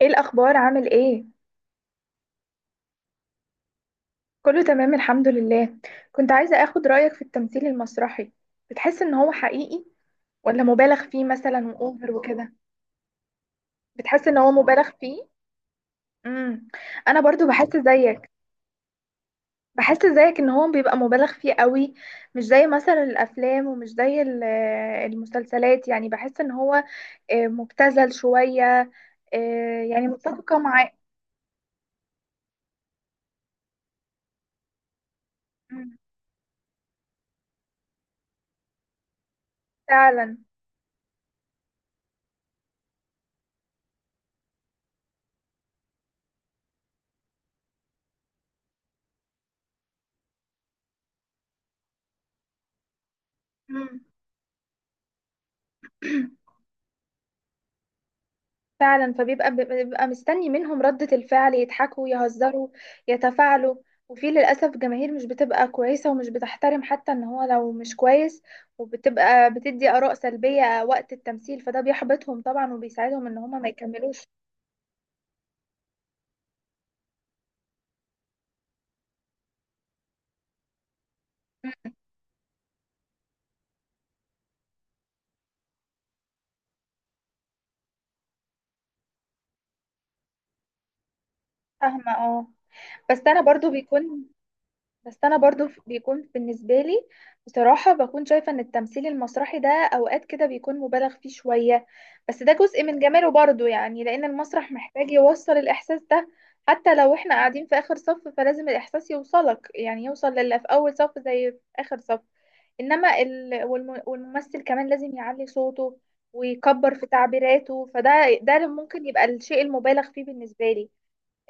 ايه الاخبار، عامل ايه؟ كله تمام، الحمد لله. كنت عايزة اخد رأيك في التمثيل المسرحي. بتحس ان هو حقيقي ولا مبالغ فيه مثلا واوفر وكده؟ بتحس ان هو مبالغ فيه؟ امم انا برضو بحس زيك ان هو بيبقى مبالغ فيه قوي. مش زي مثلا الافلام ومش زي المسلسلات، يعني بحس ان هو مبتذل شوية. يعني متفقة معاه. أمم، فعلا. أمم. فعلا، فبيبقى مستني منهم ردة الفعل، يضحكوا، يهزروا، يتفاعلوا. وفي للأسف جماهير مش بتبقى كويسة ومش بتحترم حتى ان هو لو مش كويس، وبتبقى بتدي آراء سلبية وقت التمثيل، فده بيحبطهم طبعا وبيساعدهم ان هما ما يكملوش. فاهمة، اه. بس انا برضو بيكون بس انا برضو ف- بيكون بالنسبه لي بصراحه بكون شايفه ان التمثيل المسرحي ده اوقات كده بيكون مبالغ فيه شويه. بس ده جزء من جماله برضو، يعني لان المسرح محتاج يوصل الاحساس ده. حتى لو احنا قاعدين في اخر صف فلازم الاحساس يوصلك، يعني يوصل للي في اول صف زي في اخر صف. انما والممثل كمان لازم يعلي صوته ويكبر في تعبيراته. ده اللي ممكن يبقى الشيء المبالغ فيه بالنسبه لي.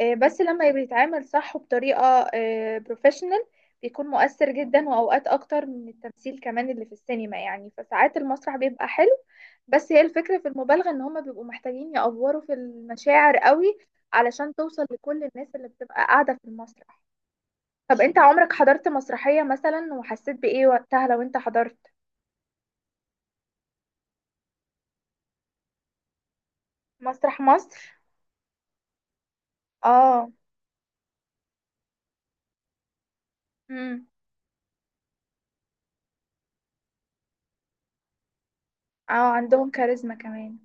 بس لما بيتعامل صح وبطريقة بروفيشنال، بيكون مؤثر جدا وأوقات أكتر من التمثيل كمان اللي في السينما، يعني فساعات المسرح بيبقى حلو. بس هي الفكرة في المبالغة، إن هما بيبقوا محتاجين يأفوروا في المشاعر قوي علشان توصل لكل الناس اللي بتبقى قاعدة في المسرح. طب أنت عمرك حضرت مسرحية مثلا وحسيت بإيه وقتها لو أنت حضرت؟ مسرح مصر؟ آه. امم. آه، عندهم كاريزما كمان.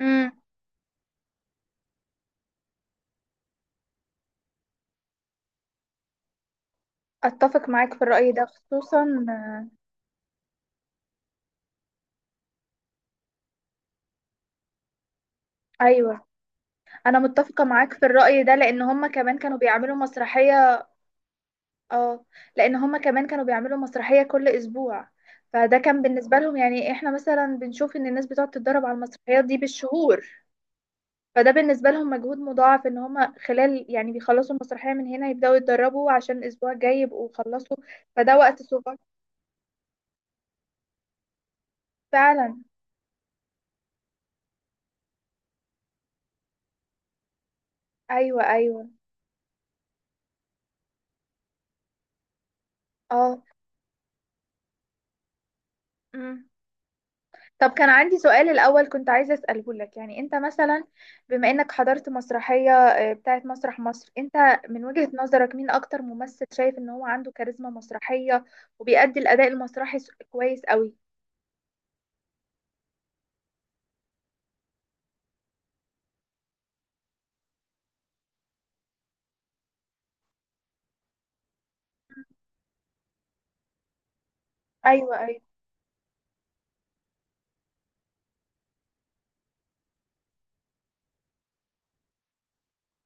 امم. أتفق معاك في الرأي ده، خصوصا. أيوه. انا متفقه معاك في الراي ده، لان هما كمان كانوا بيعملوا مسرحيه. اه. لان هما كمان كانوا بيعملوا مسرحيه كل اسبوع. فده كان بالنسبه لهم، يعني احنا مثلا بنشوف ان الناس بتقعد تتدرب على المسرحيات دي بالشهور. فده بالنسبه لهم مجهود مضاعف، ان هما خلال يعني بيخلصوا المسرحيه من هنا يبداوا يتدربوا عشان الاسبوع الجاي يبقوا خلصوا. فده وقت صغير. فعلا. ايوه، ايوه. اه. طب كان عندي سؤال الأول كنت عايزة أسأله لك، يعني أنت مثلا بما إنك حضرت مسرحية بتاعت مسرح مصر. أنت من وجهة نظرك مين أكتر ممثل شايف إن هو عنده كاريزما مسرحية وبيأدي الأداء المسرحي كويس قوي؟ أيوة، أيوة.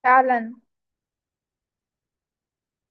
فعلا،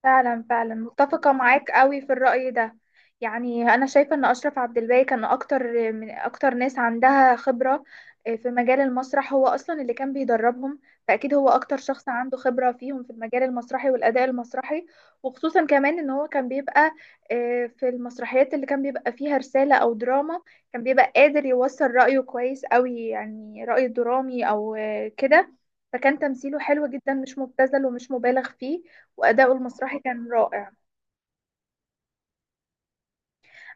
فعلا، فعلا، متفقة معاك قوي في الرأي ده. يعني أنا شايفة إن أشرف عبد الباقي كان أكتر من أكتر ناس عندها خبرة في مجال المسرح. هو أصلا اللي كان بيدربهم، فأكيد هو أكتر شخص عنده خبرة فيهم في المجال المسرحي والأداء المسرحي. وخصوصا كمان إن هو كان بيبقى في المسرحيات اللي كان بيبقى فيها رسالة أو دراما. كان بيبقى قادر يوصل رأيه كويس قوي، يعني رأي درامي أو كده. فكان تمثيله حلو جدا، مش مبتذل ومش مبالغ فيه، وأداؤه المسرحي كان رائع.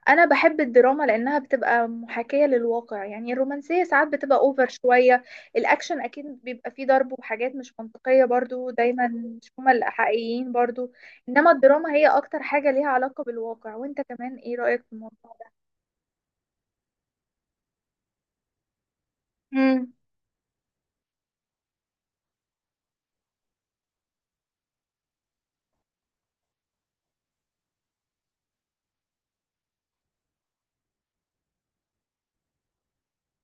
أنا بحب الدراما لأنها بتبقى محاكاة للواقع، يعني الرومانسية ساعات بتبقى أوفر شوية. الأكشن أكيد بيبقى فيه ضرب وحاجات مش منطقية برضو، دايما مش هما الحقيقيين برضو. إنما الدراما هي أكتر حاجة ليها علاقة بالواقع. وأنت كمان إيه رأيك في الموضوع ده؟ امم.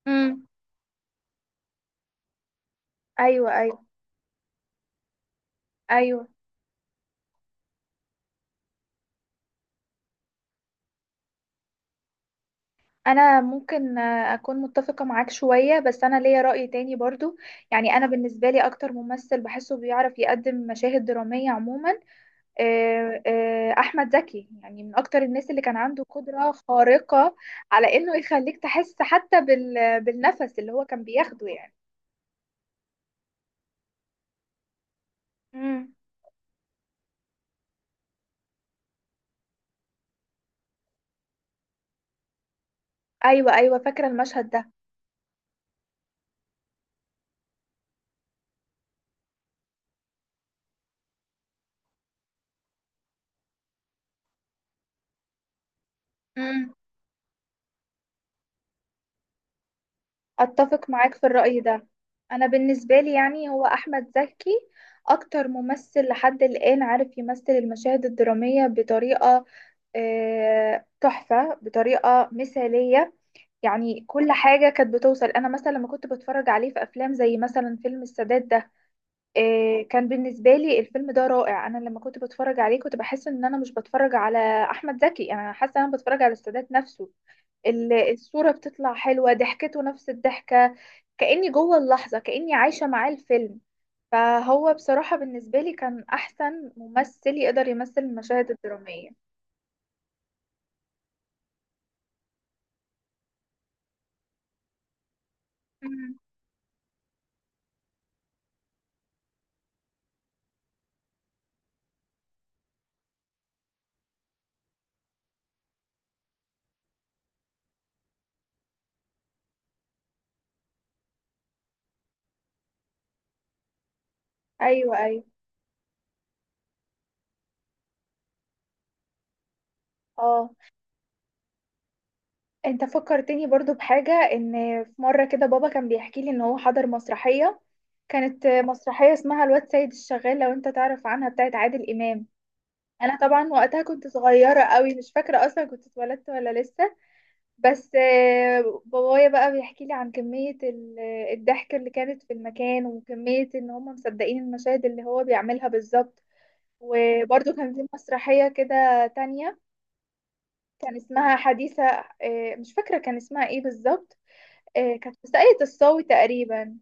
امم. ايوه، ايوه، ايوه. انا ممكن اكون متفقه معاك شويه، بس انا ليا راي تاني برضو. يعني انا بالنسبه لي اكتر ممثل بحسه بيعرف يقدم مشاهد دراميه عموما احمد زكي، يعني من اكتر الناس اللي كان عنده قدرة خارقة على انه يخليك تحس حتى بالنفس اللي هو كان بياخده يعني. مم. ايوه، ايوه، فاكرة المشهد ده. امم. اتفق معاك في الرأي ده. انا بالنسبة لي يعني هو احمد زكي اكتر ممثل لحد الآن عارف يمثل المشاهد الدرامية بطريقة تحفة، بطريقة مثالية. يعني كل حاجة كانت بتوصل، أنا مثلا لما كنت بتفرج عليه في أفلام زي مثلا فيلم السادات ده. إيه، كان بالنسبة لي الفيلم ده رائع. أنا لما كنت بتفرج عليه كنت بحس إن أنا مش بتفرج على أحمد زكي، يعني أنا حاسة إن أنا بتفرج على السادات نفسه. الصورة بتطلع حلوة، ضحكته نفس الضحكة. كأني جوه اللحظة، كأني عايشة معاه الفيلم. فهو بصراحة بالنسبة لي كان أحسن ممثل يقدر يمثل المشاهد الدرامية. مم. أيوة، أيوة. اه. انت فكرتني برضو بحاجة، ان في مرة كده بابا كان بيحكي لي ان هو حضر مسرحية. كانت مسرحية اسمها الواد سيد الشغال، لو انت تعرف عنها، بتاعت عادل امام. انا طبعا وقتها كنت صغيرة قوي، مش فاكرة اصلا كنت اتولدت ولا لسه. بس بابايا بقى بيحكي لي عن كمية الضحك اللي كانت في المكان وكمية ان هم مصدقين المشاهد اللي هو بيعملها بالظبط. وبرضو كان في مسرحية كده تانية كان اسمها حديثة. مش فاكرة كان اسمها ايه بالظبط. كانت في ساقية الصاوي تقريبا.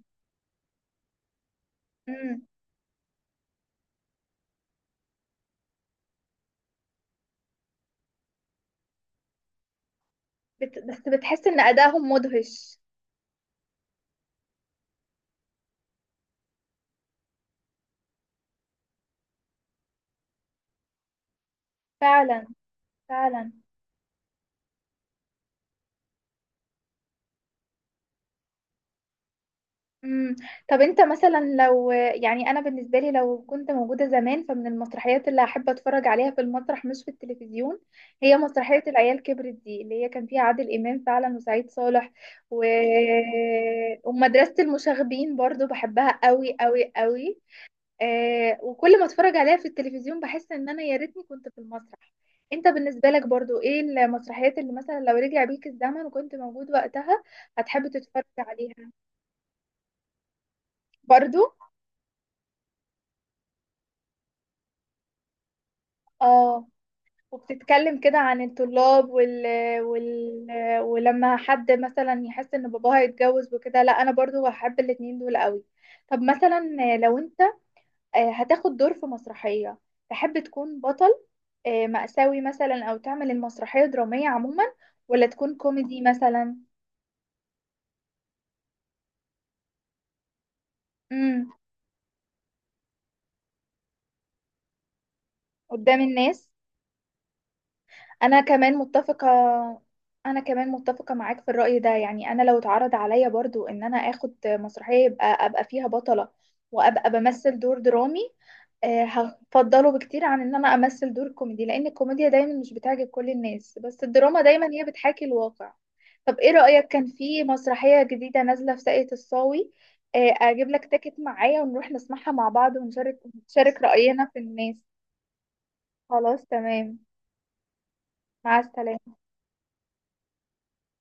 امم. بس بتحس ان ادائهم مدهش. فعلا، فعلا. امم. طب انت مثلا لو، يعني انا بالنسبه لي لو كنت موجوده زمان، فمن المسرحيات اللي احب اتفرج عليها في المسرح مش في التلفزيون هي مسرحيه العيال كبرت دي، اللي هي كان فيها عادل امام فعلا وسعيد صالح و... ومدرسه المشاغبين، برضو بحبها قوي قوي قوي. وكل ما اتفرج عليها في التلفزيون بحس ان انا يا ريتني كنت في المسرح. انت بالنسبة لك برضو ايه المسرحيات اللي مثلا لو رجع بيك الزمن وكنت موجود وقتها هتحب تتفرج عليها؟ برضو. اه. وبتتكلم كده عن الطلاب وال... ولما حد مثلا يحس ان باباه هيتجوز وكده. لا، انا برضو هحب الاتنين دول قوي. طب مثلا لو انت هتاخد دور في مسرحية، تحب تكون بطل مأساوي مثلا، أو تعمل المسرحية درامية عموما، ولا تكون كوميدي مثلا؟ امم. قدام الناس. انا كمان متفقة انا كمان متفقة معاك في الرأي ده. يعني انا لو اتعرض عليا برضو ان انا اخد مسرحية يبقى ابقى فيها بطلة، وابقى بمثل دور درامي. هفضله بكتير عن ان انا امثل دور كوميدي، لان الكوميديا دايما مش بتعجب كل الناس، بس الدراما دايما هي بتحاكي الواقع. طب ايه رأيك كان في مسرحية جديدة نازلة في ساقية الصاوي؟ اجيب لك تاكت معايا ونروح نسمعها مع بعض ونشارك، نشارك رأينا في الناس. خلاص، تمام. مع السلامة.